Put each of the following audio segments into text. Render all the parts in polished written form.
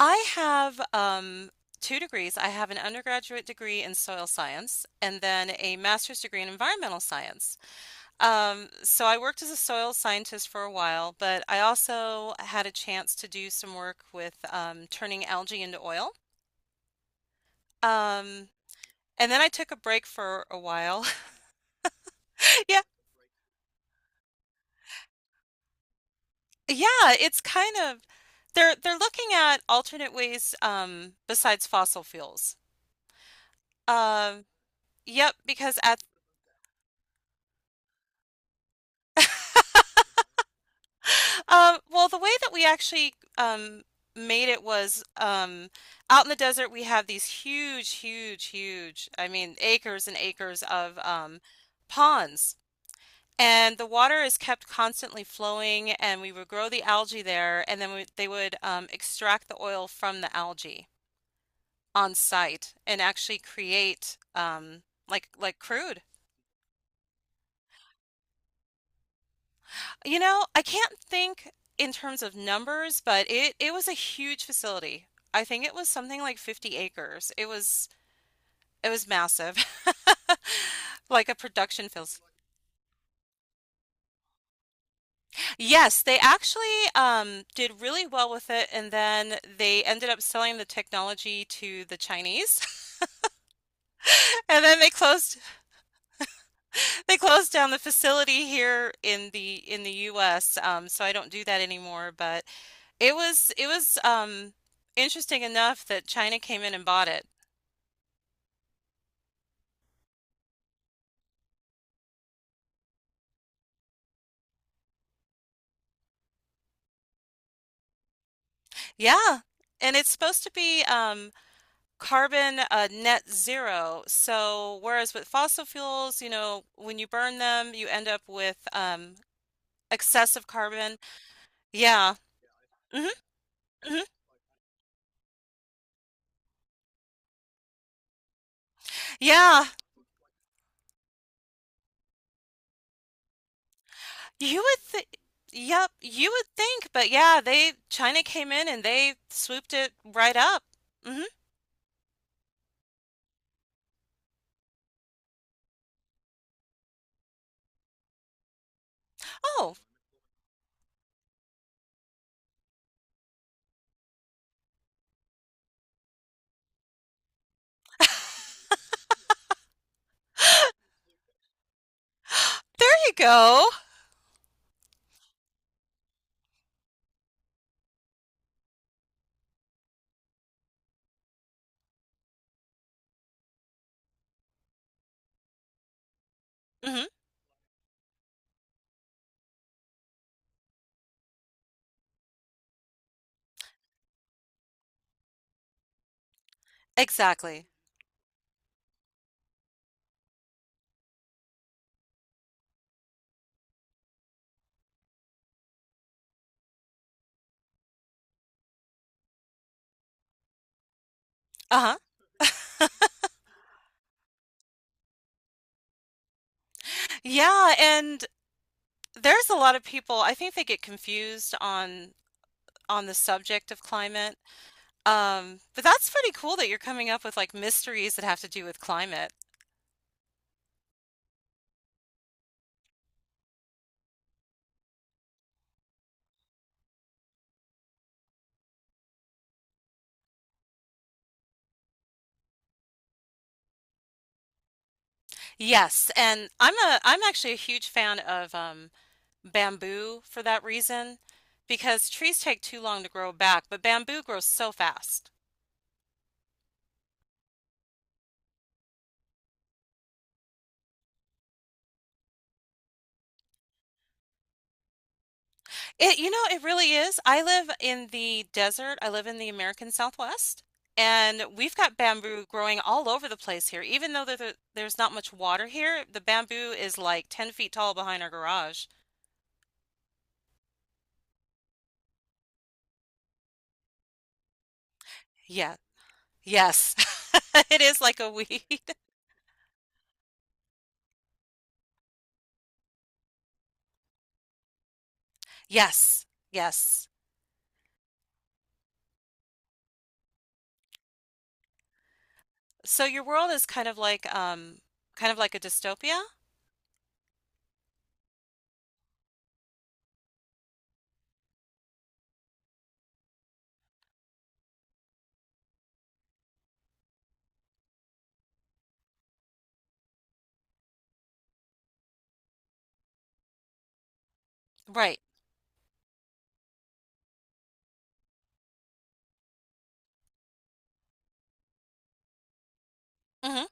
I have two degrees. I have an undergraduate degree in soil science and then a master's degree in environmental science. So I worked as a soil scientist for a while, but I also had a chance to do some work with turning algae into oil. Um, and then I took a break for a while. Yeah, yeah, it's kind of they're looking at alternate ways besides fossil fuels. Um, yep, because at well, the way that we actually made it was out in the desert, we have these huge, huge, huge, I mean, acres and acres of ponds. And the water is kept constantly flowing, and we would grow the algae there, and then they would extract the oil from the algae on site and actually create like crude. You know, I can't think in terms of numbers, but it was a huge facility. I think it was something like 50 acres. It was massive. Like a production facility. Yes, they actually did really well with it, and then they ended up selling the technology to the Chinese, and then they closed. They closed down the facility here in the US, so I don't do that anymore, but it was interesting enough that China came in and bought it. Yeah. And it's supposed to be carbon, net zero. So whereas with fossil fuels, you know, when you burn them, you end up with excessive carbon. Yeah. Hmm. Hmm. Yeah. You would think, yep, you would think, but yeah, they China came in and they swooped it right up. Hmm. Oh, there you go. Hmm. Exactly. Uh-huh. Yeah, and there's a lot of people, I think they get confused on the subject of climate. But that's pretty cool that you're coming up with like mysteries that have to do with climate. Yes, and I'm actually a huge fan of bamboo for that reason because trees take too long to grow back, but bamboo grows so fast. It, you know, it really is. I live in the desert. I live in the American Southwest, and we've got bamboo growing all over the place here. Even though there's not much water here, the bamboo is like 10 feet tall behind our garage. Yeah. Yes. It is like a weed. Yes. Yes. So your world is kind of like a dystopia? Right. Mhm,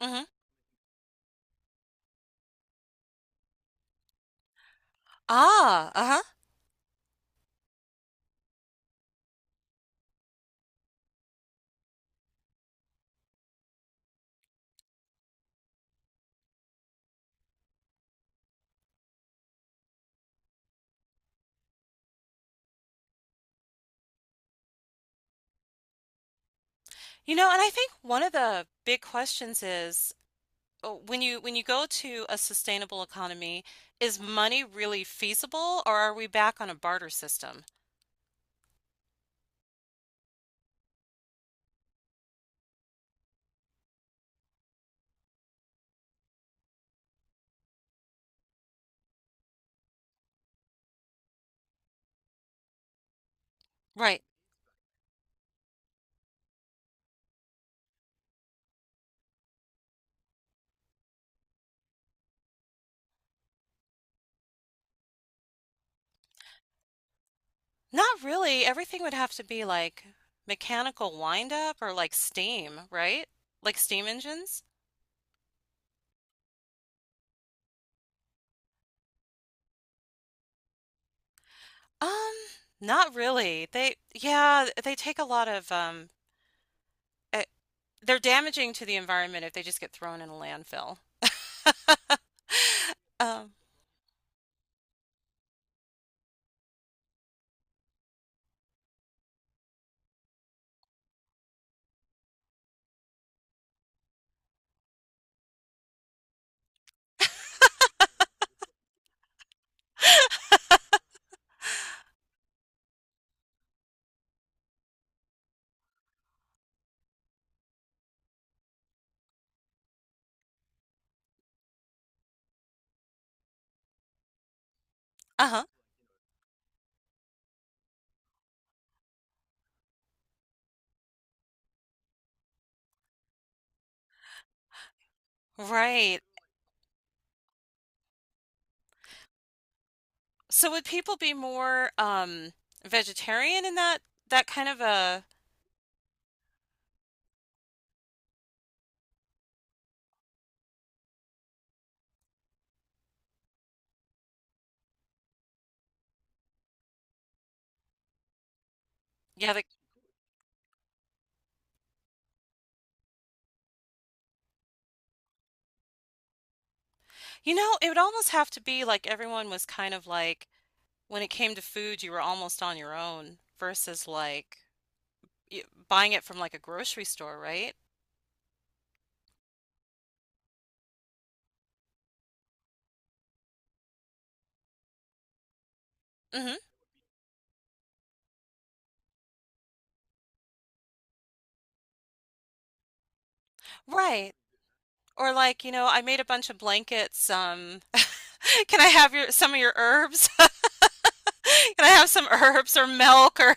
mhm. Ah, uh-huh. You know, and I think one of the big questions is when you go to a sustainable economy, is money really feasible or are we back on a barter system? Right. Not really. Everything would have to be like mechanical wind up or like steam, right? Like steam engines? Um, Not really. Yeah, they take a lot of, eh, they're damaging to the environment if they just get thrown in a landfill. Um, uh-huh. Right. So would people be more, vegetarian in that, that kind of a, yeah, you know, it would almost have to be like everyone was kind of like, when it came to food, you were almost on your own versus like y buying it from like a grocery store, right? Hmm. Right. Or like, you know, I made a bunch of blankets. Can I have your some of your herbs? Can I have some herbs or milk or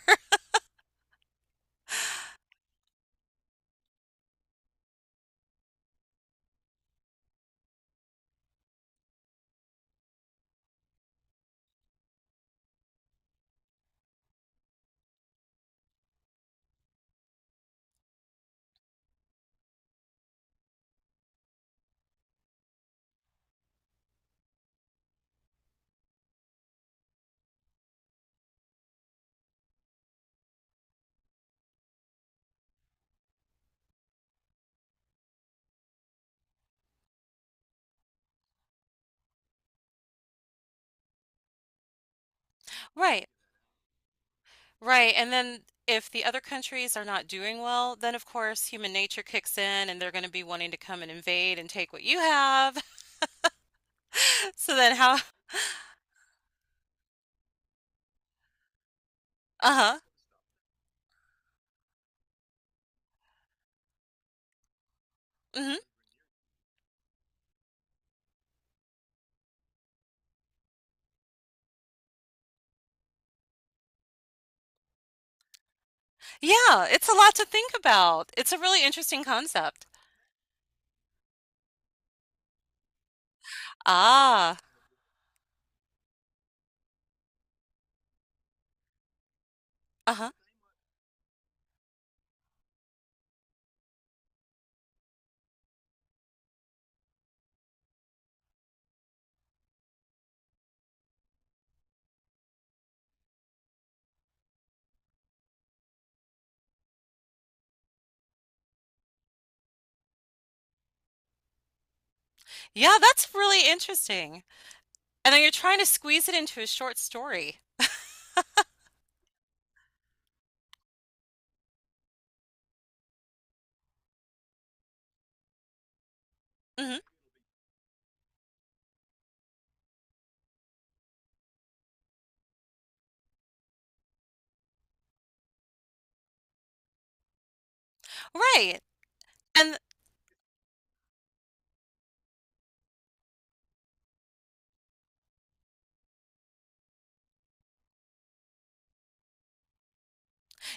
right, right. And then if the other countries are not doing well, then of course human nature kicks in and they're going to be wanting to come and invade and take what you have. So then how? Uh-huh. Hmm. Yeah, it's a lot to think about. It's a really interesting concept. Ah, uh-huh. Yeah, that's really interesting. And then you're trying to squeeze it into a short story. Hmm. Right. And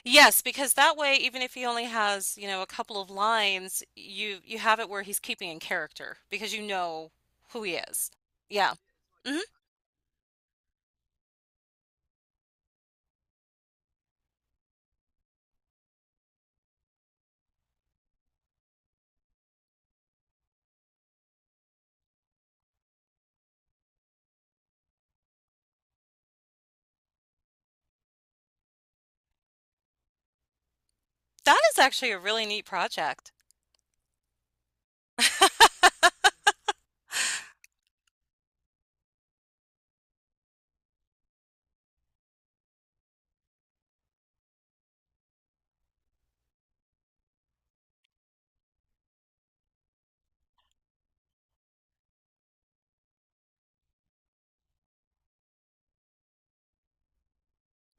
yes, because that way, even if he only has, you know, a couple of lines, you have it where he's keeping in character because you know who he is. Yeah. Mhm. That is actually a really neat project.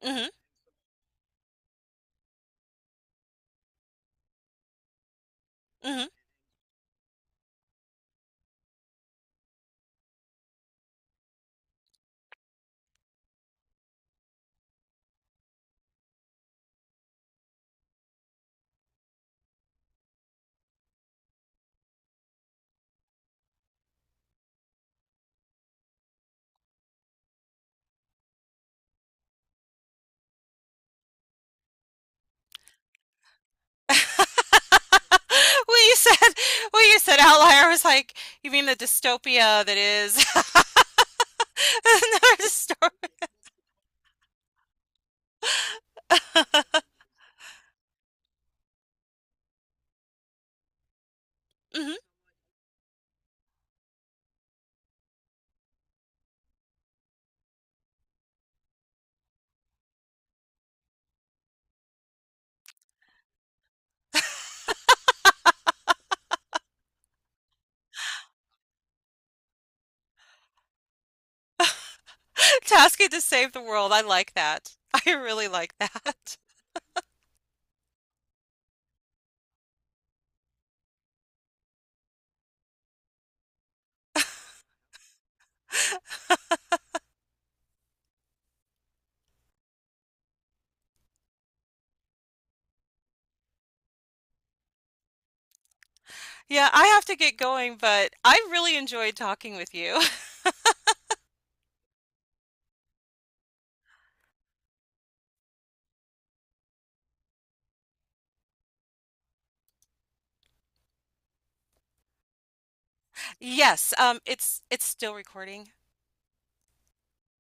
Mhm. Mhm. When you said when you said outlier, I was like, you mean the dystopia that is another dystopia. Mhm. Tasking to save the world. I like that. I really like that. Yeah, I have to get going, but I really enjoyed talking with you. Yes, it's still recording.